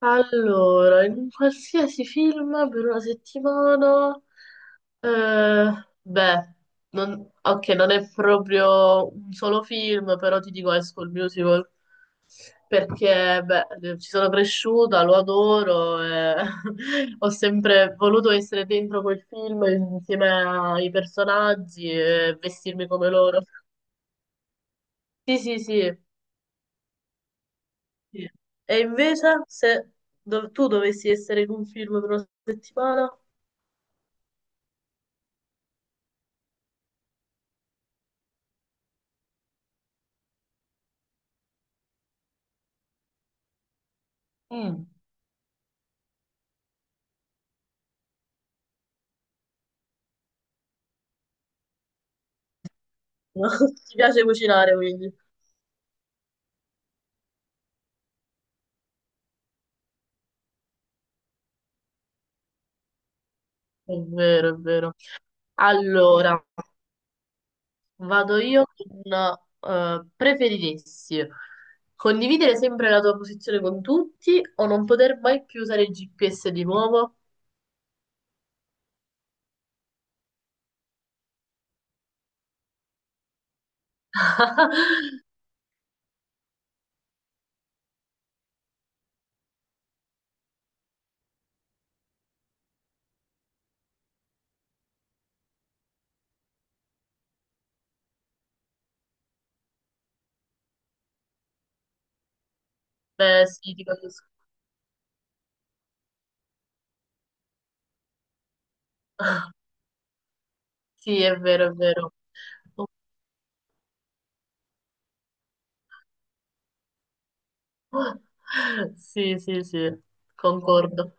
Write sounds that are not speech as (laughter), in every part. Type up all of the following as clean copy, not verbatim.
Allora, in un qualsiasi film per una settimana, eh, beh, ok, non è proprio un solo film, però ti dico High School Musical, perché beh, ci sono cresciuta, lo adoro, e (laughs) ho sempre voluto essere dentro quel film insieme ai personaggi e vestirmi come loro. Sì, sì, sì. Sì. E invece, se tu dovessi essere in un film per una settimana. Mm. No, (laughs) ti piace cucinare, quindi. È vero, è vero. Allora, vado io con preferiresti condividere sempre la tua posizione con tutti o non poter mai più usare il GPS di nuovo? (laughs) Beh, sì, ti capisco. Sì, è vero, è vero. (laughs) Sì, sì, sì, concordo.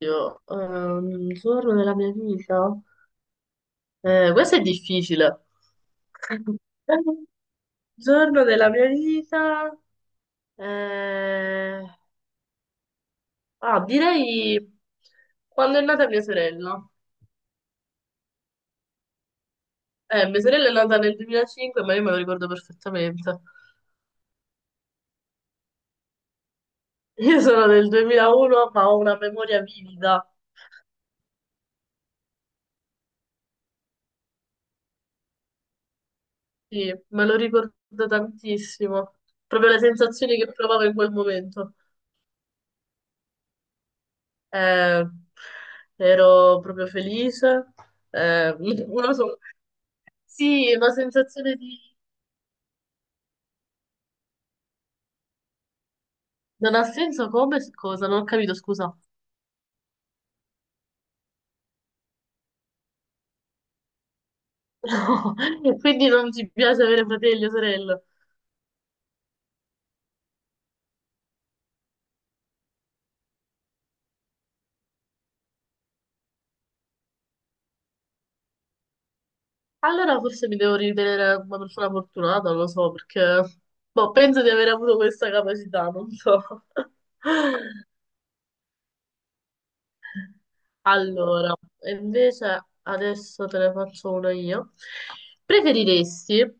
Io, un giorno nella mia vita. Questo è difficile. (laughs) Giorno della mia vita, eh, ah, direi quando è nata mia sorella. Mia sorella è nata nel 2005, ma io me lo ricordo perfettamente. (laughs) Io sono del 2001, ma ho una memoria vivida, sì, me lo ricordo tantissimo. Proprio le sensazioni che provavo in quel momento. Eh, Ero proprio felice. Eh, (laughs) una sì, una sensazione di... Non ha senso come? Cosa? Non ho capito, scusa. No, (laughs) quindi non ti piace avere fratelli o sorelle. Allora forse mi devo ritenere una persona fortunata, non lo so, perché boh, penso di aver avuto questa capacità, non so. (laughs) Allora, e invece adesso te ne faccio una io. Preferiresti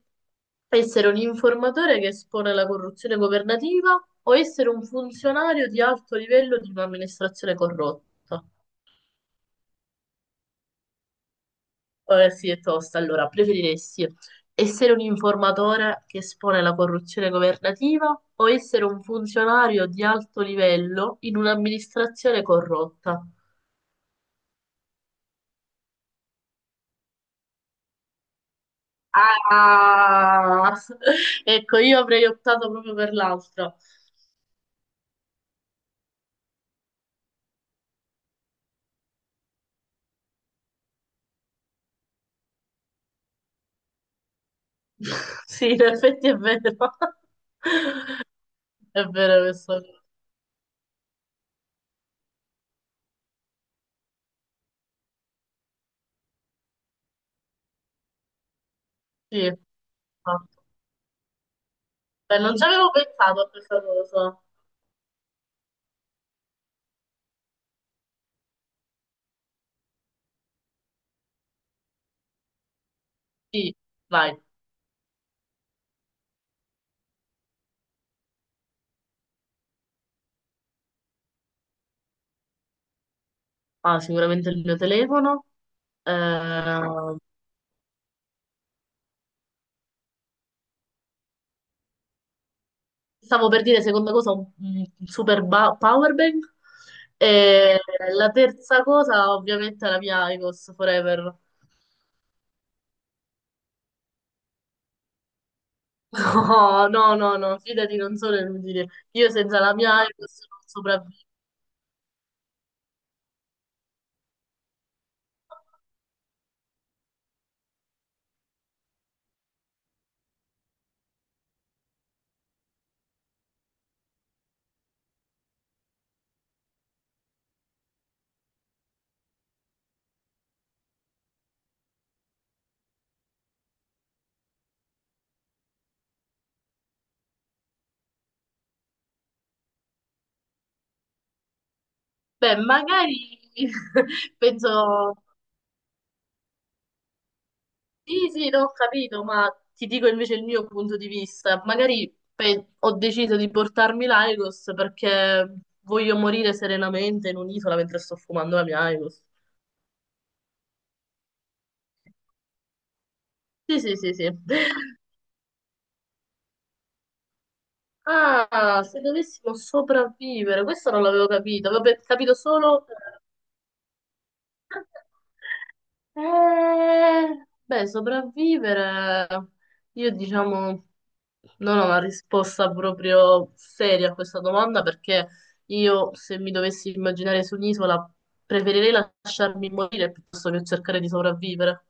essere un informatore che espone la corruzione governativa o essere un funzionario di alto livello di un'amministrazione corrotta? Sì, è tosta. Allora, preferiresti essere un informatore che espone la corruzione governativa o essere un funzionario di alto livello in un'amministrazione corrotta? Ah, (laughs) ecco, io avrei optato proprio per l'altra. (laughs) Sì, in effetti è vero. (laughs) È vero questo. Sì, esatto. Beh, non ci avevo pensato a questa cosa. Sì, vai. Ah, sicuramente il mio telefono. Ehm, Stavo per dire, seconda cosa, un super power bank. E la terza cosa, ovviamente, è la mia IQOS Forever. (laughs) No, no, no, no, fidati, non sono inutile. Io senza la mia IQOS non sopravvivo. Beh, magari (laughs) penso, sì, sì, non ho capito, ma ti dico invece il mio punto di vista. Magari ho deciso di portarmi l'IQOS perché voglio morire serenamente in un'isola mentre sto fumando la mia IQOS. Sì, sì, sì, sì. Ah, se dovessimo sopravvivere, questo non l'avevo capito, avevo capito solo... (laughs) beh, sopravvivere, io diciamo non ho una risposta proprio seria a questa domanda perché io se mi dovessi immaginare su un'isola preferirei lasciarmi morire piuttosto che cercare di sopravvivere.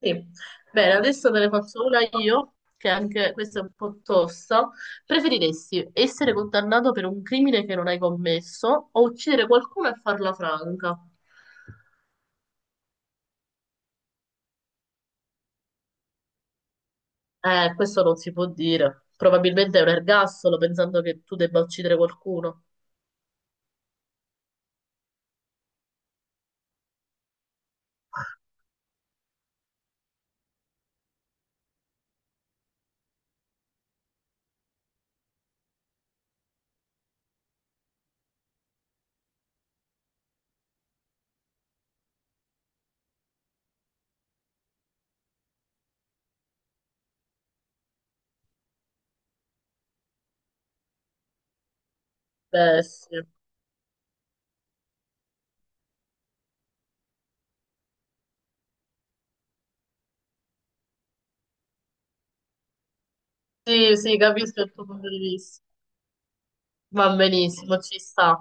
Sì. Bene, adesso te ne faccio una io, che anche questa è un po' tosta. Preferiresti essere condannato per un crimine che non hai commesso o uccidere qualcuno e farla franca? Questo non si può dire. Probabilmente è un ergastolo pensando che tu debba uccidere qualcuno. Beh, sì. Sì, sì, capisco il tuo punto di vista. Va benissimo, ci sta.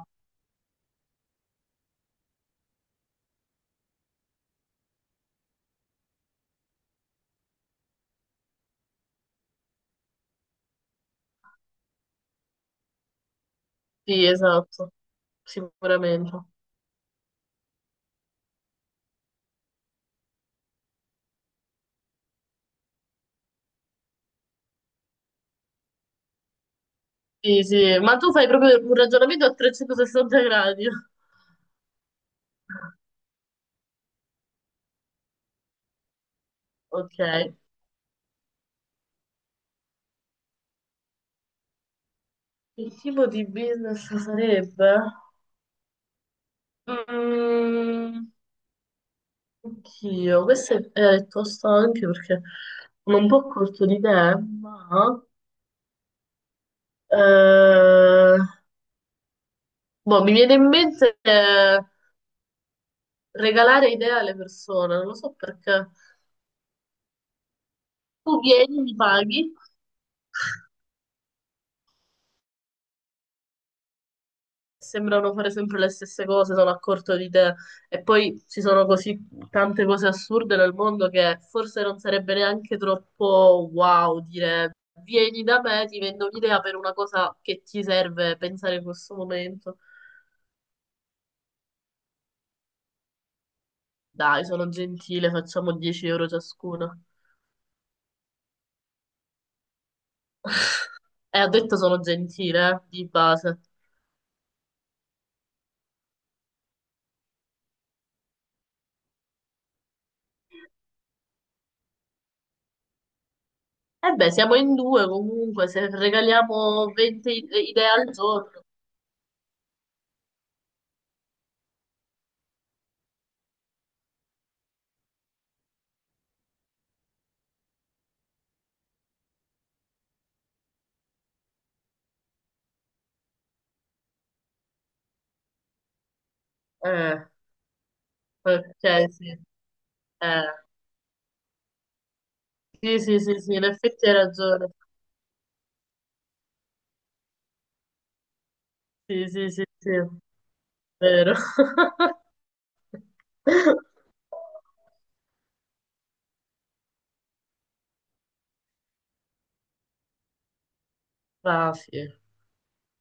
Sì, esatto, sicuramente. Sì, sì, ma tu fai proprio un ragionamento a 360 gradi. (laughs) Ok. Che tipo di business sarebbe? Mm, oddio, questa è tosta anche perché sono un po' corto di idee, ma eh, boh, mi viene in mente regalare idee alle persone, non lo so perché tu vieni, mi paghi. Sembrano fare sempre le stesse cose, sono a corto di idee. E poi ci sono così tante cose assurde nel mondo che forse non sarebbe neanche troppo wow dire vieni da me, ti vendo un'idea per una cosa che ti serve pensare in questo momento. Dai, sono gentile, facciamo 10 euro ciascuna. E ho detto sono gentile, di base. E beh, siamo in due comunque, se regaliamo 20 idee al giorno. Eh, ok, sì. Eh. Sì, sì, sì, sì, in effetti hai ragione. Sì, sì, sì, sì, vero. (laughs) Raffi.